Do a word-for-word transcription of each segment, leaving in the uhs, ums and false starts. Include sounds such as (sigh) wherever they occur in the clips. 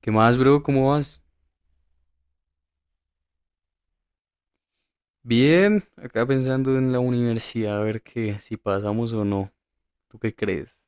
¿Qué más, bro? ¿Cómo vas? Bien, acá pensando en la universidad, a ver qué, si pasamos o no. ¿Tú qué crees?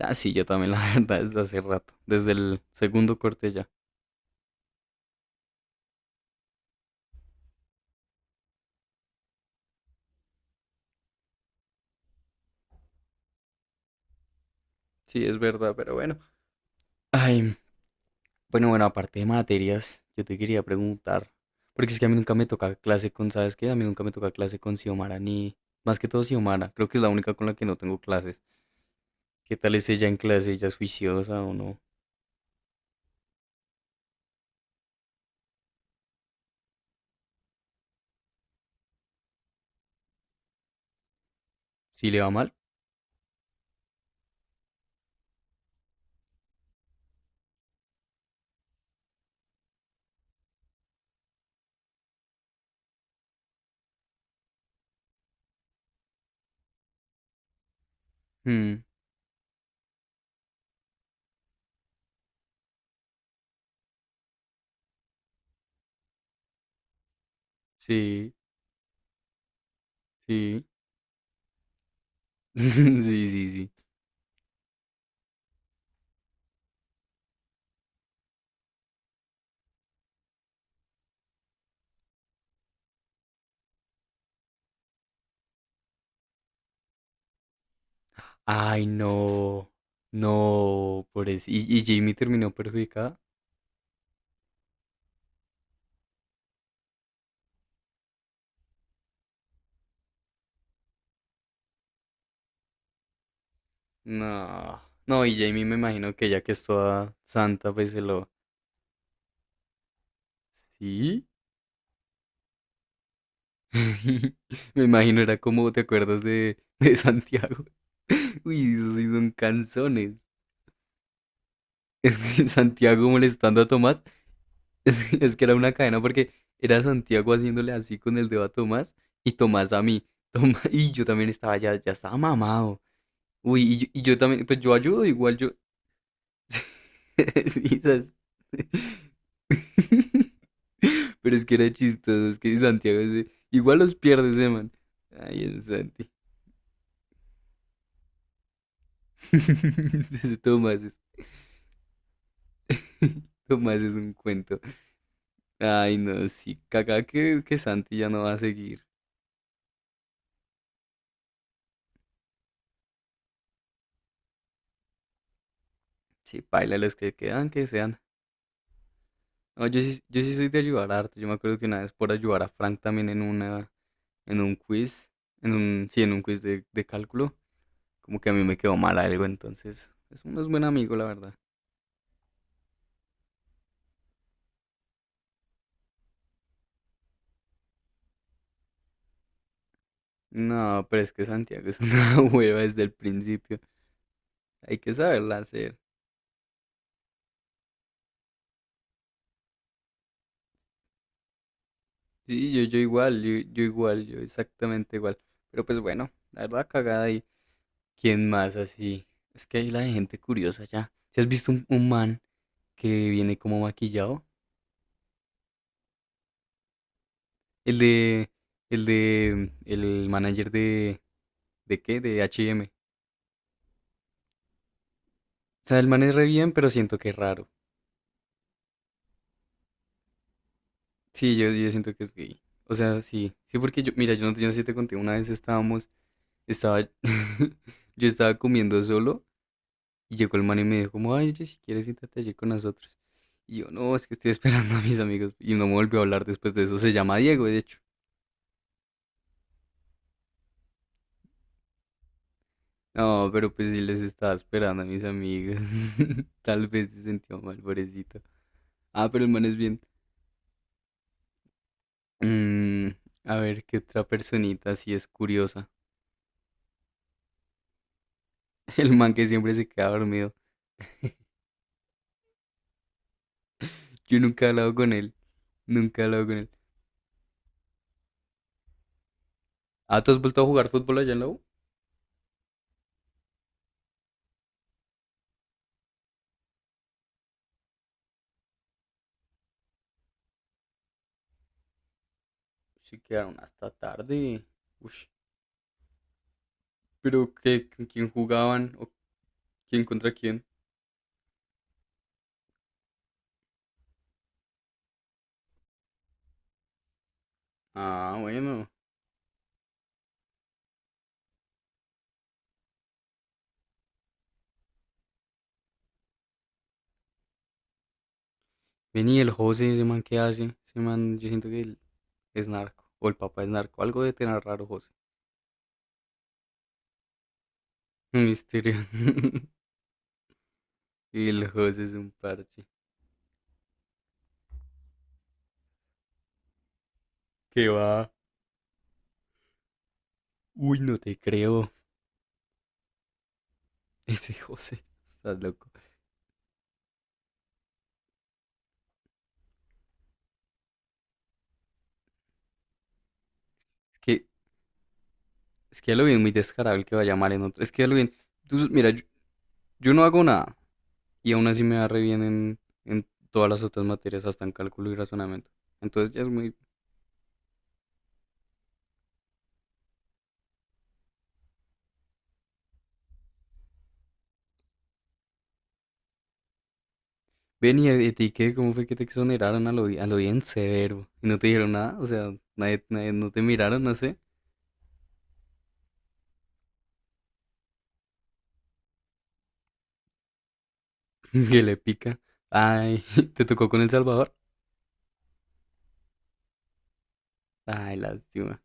Ah, sí, yo también, la (laughs) verdad, desde hace rato, desde el segundo corte ya. Sí, es verdad, pero bueno. Ay, bueno, bueno, aparte de materias, yo te quería preguntar, porque es que a mí nunca me toca clase con, ¿sabes qué? A mí nunca me toca clase con Xiomara, ni más que todo Xiomara, creo que es la única con la que no tengo clases. ¿Qué tal es ella en clase? ¿Ella es juiciosa o no? ¿Sí le va mal? Mm, sí, sí. (laughs) Sí, sí, sí. Ay, no. No, por eso. ¿Y, y Jamie terminó perjudicada? No. No, y Jamie me imagino que ya que es toda santa, pues se lo... ¿Sí? (laughs) Me imagino era como, ¿te acuerdas de, de Santiago? (laughs) Uy, esos sí son canzones. (laughs) Es que Santiago molestando a Tomás. (laughs) Es, que es que era una cadena porque era Santiago haciéndole así con el dedo a Tomás y Tomás a mí. (laughs) Toma- y yo también estaba ya, ya estaba mamado. Uy, y yo, y yo también, pues yo ayudo, igual yo, (laughs) sí, esas- (laughs) pero es que era chistoso, es que Santiago se- igual los pierde ese man. Ay, el Santi. (laughs) Ese Tomás es... (laughs) Tomás es un cuento. Ay, no, sí, caca que, que Santi ya no va a seguir. Sí, paila los que quedan, que sean. No, yo sí, yo sí soy de ayudar harto. Yo me acuerdo que una vez por ayudar a Frank también en una, en un quiz, en un, sí, en un quiz de, de cálculo, como que a mí me quedó mal algo, entonces es un es buen amigo, la verdad. No, pero es que Santiago es una (laughs) hueva desde el principio. Hay que saberla hacer. Sí, yo, yo igual, yo, yo igual, yo exactamente igual. Pero pues bueno, la verdad cagada y quién más así. Es que hay la de gente curiosa ya. ¿Si has visto un, un man que viene como maquillado? El de, el de, el manager de, ¿de qué? De H y M. O sea, el man es re bien, pero siento que es raro. Sí, yo, yo siento que es gay. O sea, sí. Sí, porque yo, mira, yo no, yo no sé si te conté, una vez estábamos, estaba, (laughs) yo estaba comiendo solo y llegó el man y me dijo como, ay, oye, si quieres, siéntate allí con nosotros. Y yo, no, es que estoy (laughs) esperando a mis amigos. Y no me volvió a hablar después de eso. Se llama Diego, de hecho. No, pero pues sí les estaba esperando a mis amigos. (laughs) Tal vez se sintió mal, pobrecito. Ah, pero el man es bien. Mm, a ver, qué otra personita así es curiosa. (laughs) El man que siempre se queda dormido. Yo nunca he hablado con él. Nunca he hablado con él. Ah, ¿tú has vuelto a jugar fútbol allá en la U? Sí, quedaron hasta tarde. Ush, pero ¿qué? ¿Con quién jugaban? ¿O quién contra quién? Ah, bueno. Vení, el José, ese man, ¿qué hace? Ese man, yo siento que él es narco. O el papá es narco. Algo de tener raro, José. Un misterio. (laughs) Y el José es un parche. ¿Qué va? Uy, no te creo. (laughs) Ese José. Estás loco. Es que, es que ya lo vi muy descarado el que va a llamar en otro. Es que ya lo vi. Tú, mira, yo, yo no hago nada y aún así me va re bien en, en todas las otras materias, hasta en cálculo y razonamiento. Entonces ya es muy... Ven y a ti qué, ¿cómo fue que te exoneraron a lo, bi- a lo bien severo? Y no te dijeron nada, o sea, nadie, nadie- no te miraron, no sé, (laughs) que le pica. Ay, (laughs) ¿te tocó con El Salvador? Ay, lástima.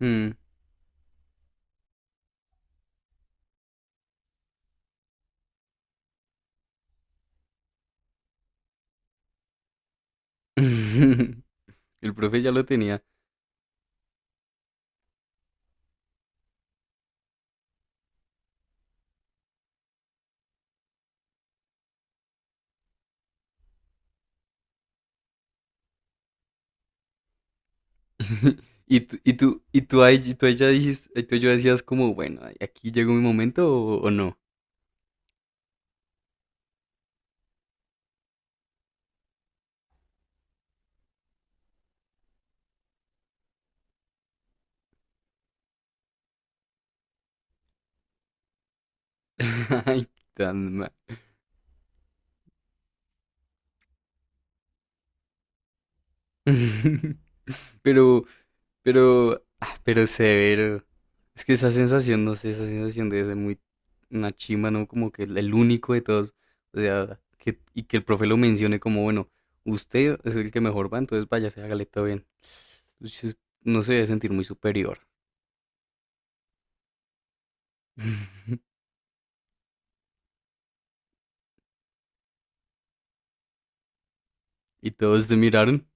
Mm. (laughs) El profe ya lo tenía. (laughs) Y tú, y tú, y tú, ahí, y tú ahí ya dijiste, y tú ya decías como, bueno, ay, aquí llegó mi momento o, o no. (laughs) Ay, tan mal. (laughs) Pero, pero, ah, pero severo. Es que esa sensación, no sé, esa sensación debe ser muy una chimba, ¿no? Como que el, el único de todos. O sea, que, y que el profe lo mencione como, bueno, usted es el que mejor va, entonces váyase, hágale todo bien. Uy, se- No se debe sentir muy superior. (laughs) Y todos se miraron.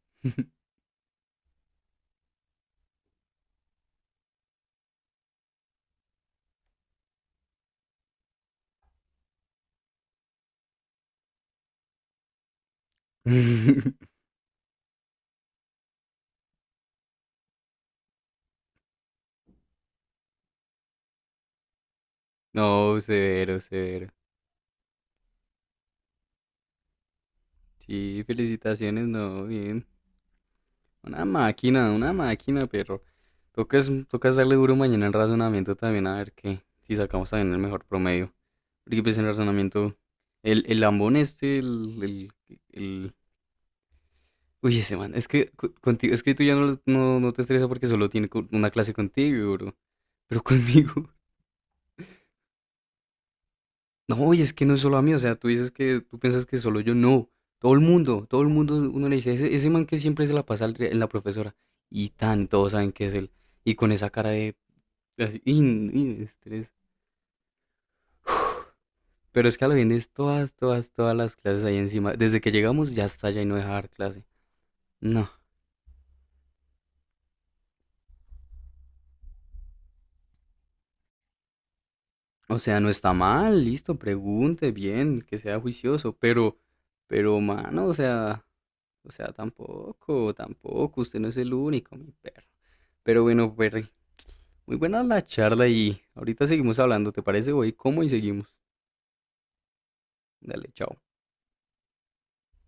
(laughs) No, severo, severo. Sí, felicitaciones, no, bien. Una máquina, una máquina, pero toca es, toca darle duro mañana en razonamiento también, a ver qué, si sacamos también el mejor promedio. Porque pues en razonamiento, el, el lambón este, el, el, el- uy, ese man, es que co- contigo, es que tú ya no, lo- no, no te estresas porque solo tiene co- una clase contigo, bro. Pero conmigo, (laughs) no, y es que no es solo a mí, o sea, tú dices que, tú piensas que solo yo, no. Todo el mundo, todo el mundo, uno le dice, ese, ese man que siempre se la pasa al re- en la profesora. Y tan, todos saben que es él. Y con esa cara de, así, in, in, estrés. Pero es que a lo bien es todas, todas, todas las clases ahí encima. Desde que llegamos ya está, ya y no deja dar clase. No. O sea, no está mal, listo, pregunte bien, que sea juicioso, pero, pero, mano, o sea, o sea, tampoco, tampoco, usted no es el único, mi perro. Pero bueno, Perry, muy buena la charla y ahorita seguimos hablando, ¿te parece? Voy, ¿cómo? Y seguimos. Dale, chao.